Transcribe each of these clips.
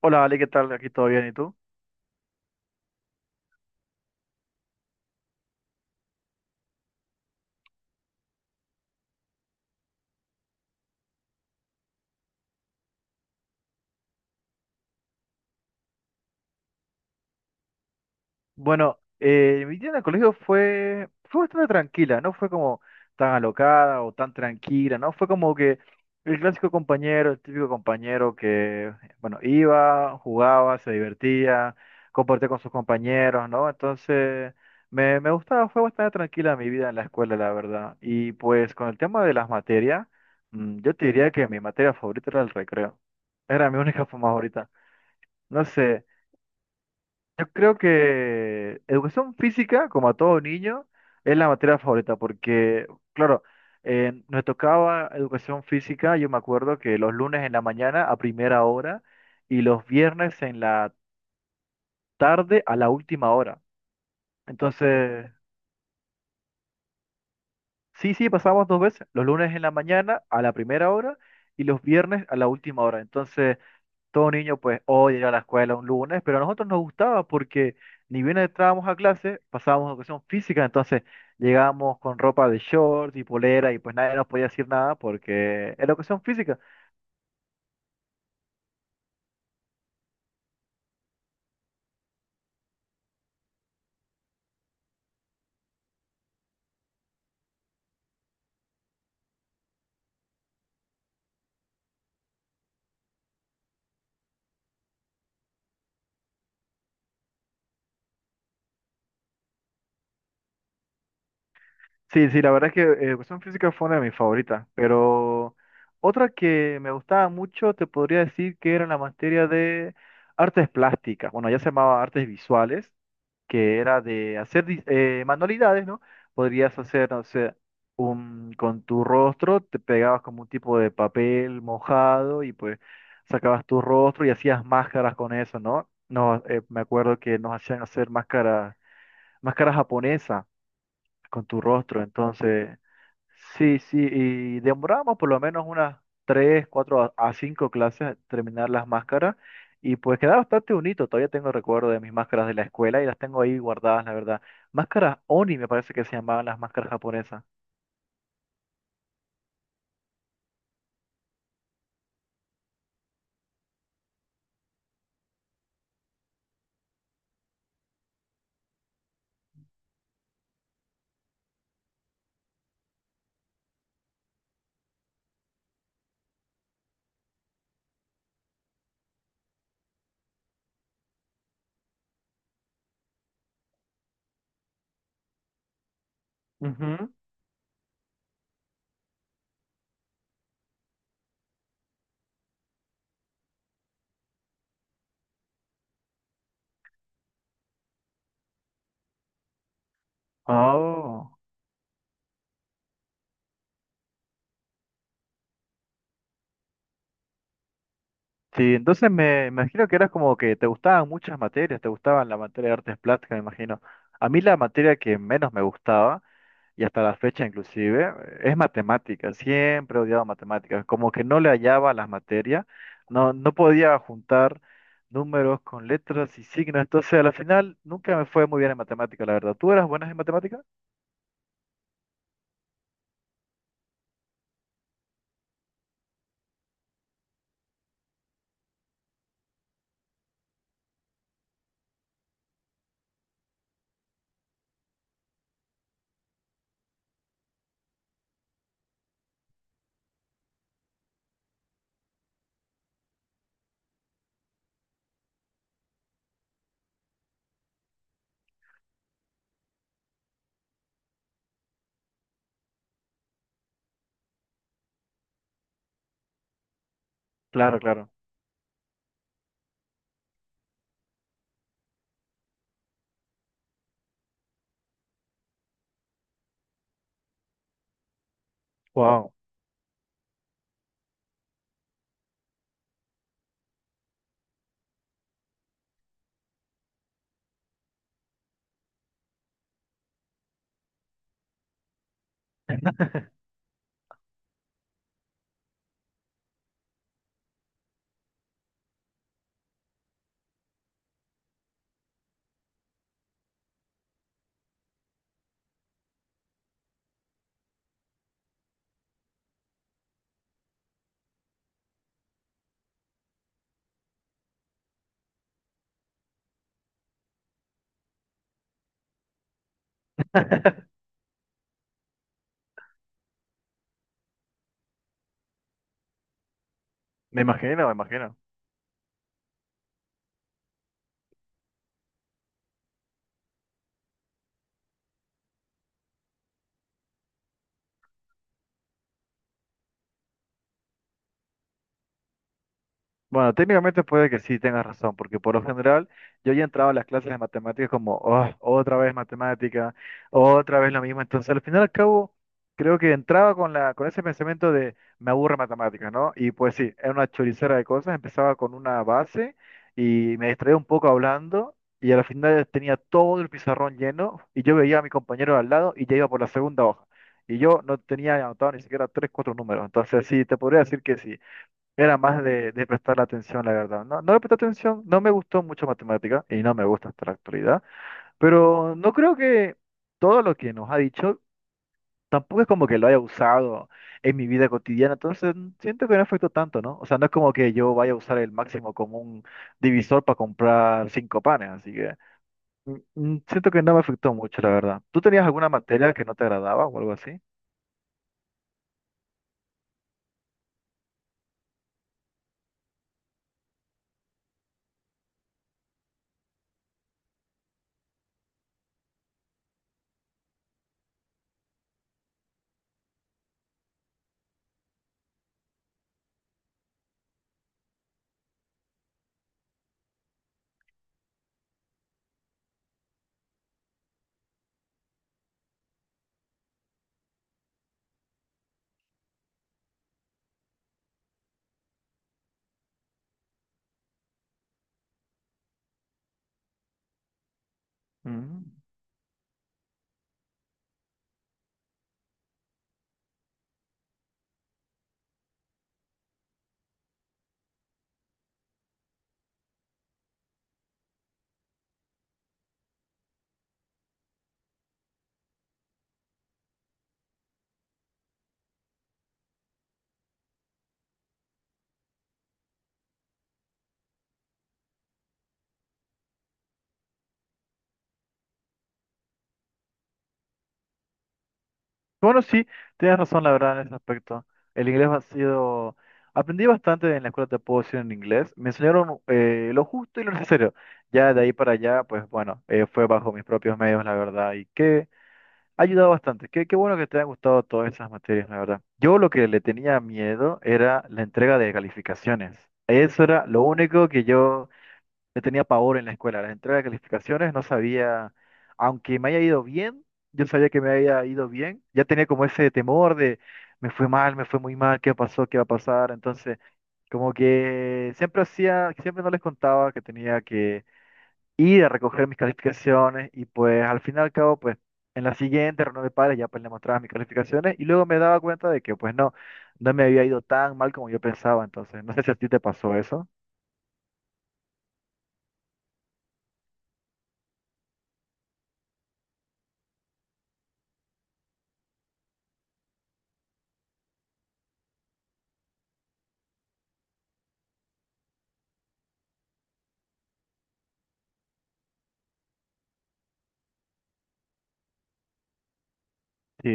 Hola, Ale, ¿qué tal? Aquí todo bien, ¿y tú? Bueno, mi día en el colegio fue bastante tranquila, no fue como tan alocada o tan tranquila, ¿no? Fue como que el clásico compañero, el típico compañero que, bueno, iba, jugaba, se divertía, compartía con sus compañeros, ¿no? Entonces, me gustaba, fue bastante tranquila mi vida en la escuela, la verdad. Y pues con el tema de las materias, yo te diría que mi materia favorita era el recreo. Era mi única favorita. No sé. Yo creo que educación física, como a todo niño, es la materia favorita, porque, claro, nos tocaba educación física, yo me acuerdo que los lunes en la mañana a primera hora y los viernes en la tarde a la última hora. Entonces, sí, sí, pasábamos dos veces, los lunes en la mañana a la primera hora y los viernes a la última hora. Entonces, todo niño pues odia ir a la escuela un lunes, pero a nosotros nos gustaba porque ni bien entrábamos a clase, pasábamos a educación física, entonces llegábamos con ropa de shorts y polera y pues nadie nos podía decir nada porque era educación física. Sí, sí, la verdad es que educación física fue una de mis favoritas, pero otra que me gustaba mucho te podría decir que era la materia de artes plásticas, bueno, ya se llamaba artes visuales. Que era de hacer manualidades, ¿no? Podrías hacer, no sé, con tu rostro, te pegabas como un tipo de papel mojado y pues sacabas tu rostro y hacías máscaras con eso, ¿no? No, me acuerdo que nos hacían hacer máscaras, máscaras japonesas con tu rostro, entonces sí, sí, y demoramos por lo menos unas 3 4 a cinco clases a terminar las máscaras y pues queda bastante bonito, todavía tengo recuerdo de mis máscaras de la escuela y las tengo ahí guardadas, la verdad. Máscaras Oni me parece que se llamaban las máscaras japonesas. Ujú. Oh, sí, entonces me imagino que eras como que te gustaban muchas materias, te gustaban la materia de artes plásticas, me imagino. A mí la materia que menos me gustaba y hasta la fecha inclusive, es matemáticas, siempre he odiado matemáticas, como que no le hallaba a las materias, no, no podía juntar números con letras y signos, entonces a la final nunca me fue muy bien en matemáticas, la verdad. ¿Tú eras buena en matemáticas? Claro, claro. Wow. Me imagino, me imagino. Bueno, técnicamente puede que sí tengas razón, porque por lo general yo ya entraba a las clases de matemáticas como, "Ah, otra vez matemática, otra vez lo mismo". Entonces, al final y al cabo, creo que entraba con la, con ese pensamiento de me aburre matemáticas, ¿no? Y pues sí, era una choricera de cosas, empezaba con una base y me distraía un poco hablando y al final tenía todo el pizarrón lleno y yo veía a mi compañero de al lado y ya iba por la segunda hoja. Y yo no tenía anotado ni siquiera tres, cuatro números. Entonces, sí, te podría decir que sí. Era más de prestar atención, la verdad. No, no le presté atención, no me gustó mucho matemática y no me gusta hasta la actualidad, pero no creo que todo lo que nos ha dicho tampoco es como que lo haya usado en mi vida cotidiana, entonces siento que no afectó tanto, ¿no? O sea, no es como que yo vaya a usar el máximo como un divisor para comprar cinco panes, así que siento que no me afectó mucho, la verdad. ¿Tú tenías alguna materia que no te agradaba o algo así? Ujú. Bueno, sí, tienes razón, la verdad, en ese aspecto. El inglés ha sido. Aprendí bastante en la escuela, te puedo decir, en inglés. Me enseñaron lo justo y lo necesario. Ya de ahí para allá, pues bueno, fue bajo mis propios medios, la verdad, y que ha ayudado bastante. Qué bueno que te hayan gustado todas esas materias, la verdad. Yo lo que le tenía miedo era la entrega de calificaciones. Eso era lo único que yo le tenía pavor en la escuela, las entregas de calificaciones, no sabía, aunque me haya ido bien, yo sabía que me había ido bien, ya tenía como ese temor de, me fue mal, me fue muy mal, ¿qué pasó? ¿Qué va a pasar? Entonces, como que siempre no les contaba que tenía que ir a recoger mis calificaciones y pues al fin y al cabo, pues en la siguiente reunión de padres ya pues le mostraba mis calificaciones y luego me daba cuenta de que pues no, no me había ido tan mal como yo pensaba, entonces, no sé si a ti te pasó eso. Sí,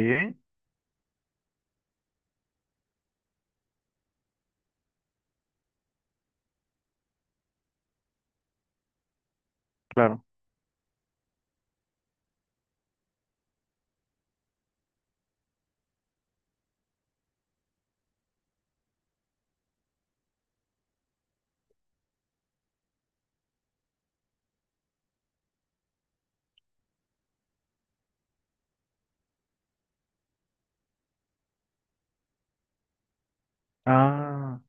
claro. Ah.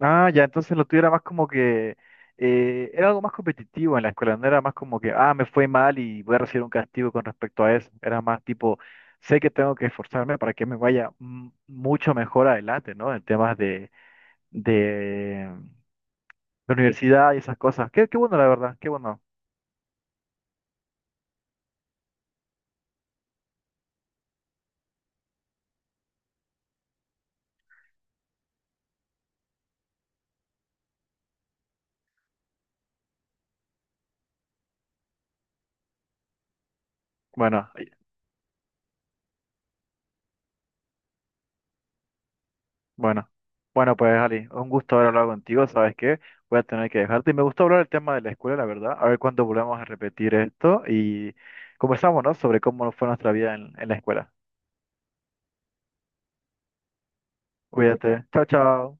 Ah, ya, entonces lo tuyo era más como que era algo más competitivo en la escuela, no era más como que, ah, me fue mal y voy a recibir un castigo con respecto a eso. Era más tipo, sé que tengo que esforzarme para que me vaya mucho mejor adelante, ¿no? En temas de, de universidad y esas cosas. Qué bueno, la verdad, qué bueno. Bueno, Bueno, bueno, pues Ali, un gusto haber hablado contigo, ¿sabes qué? Voy a tener que dejarte. Y me gustó hablar el tema de la escuela, la verdad. A ver cuándo volvamos a repetir esto y conversamos, ¿no? Sobre cómo fue nuestra vida en la escuela. Cuídate. Chao, chao.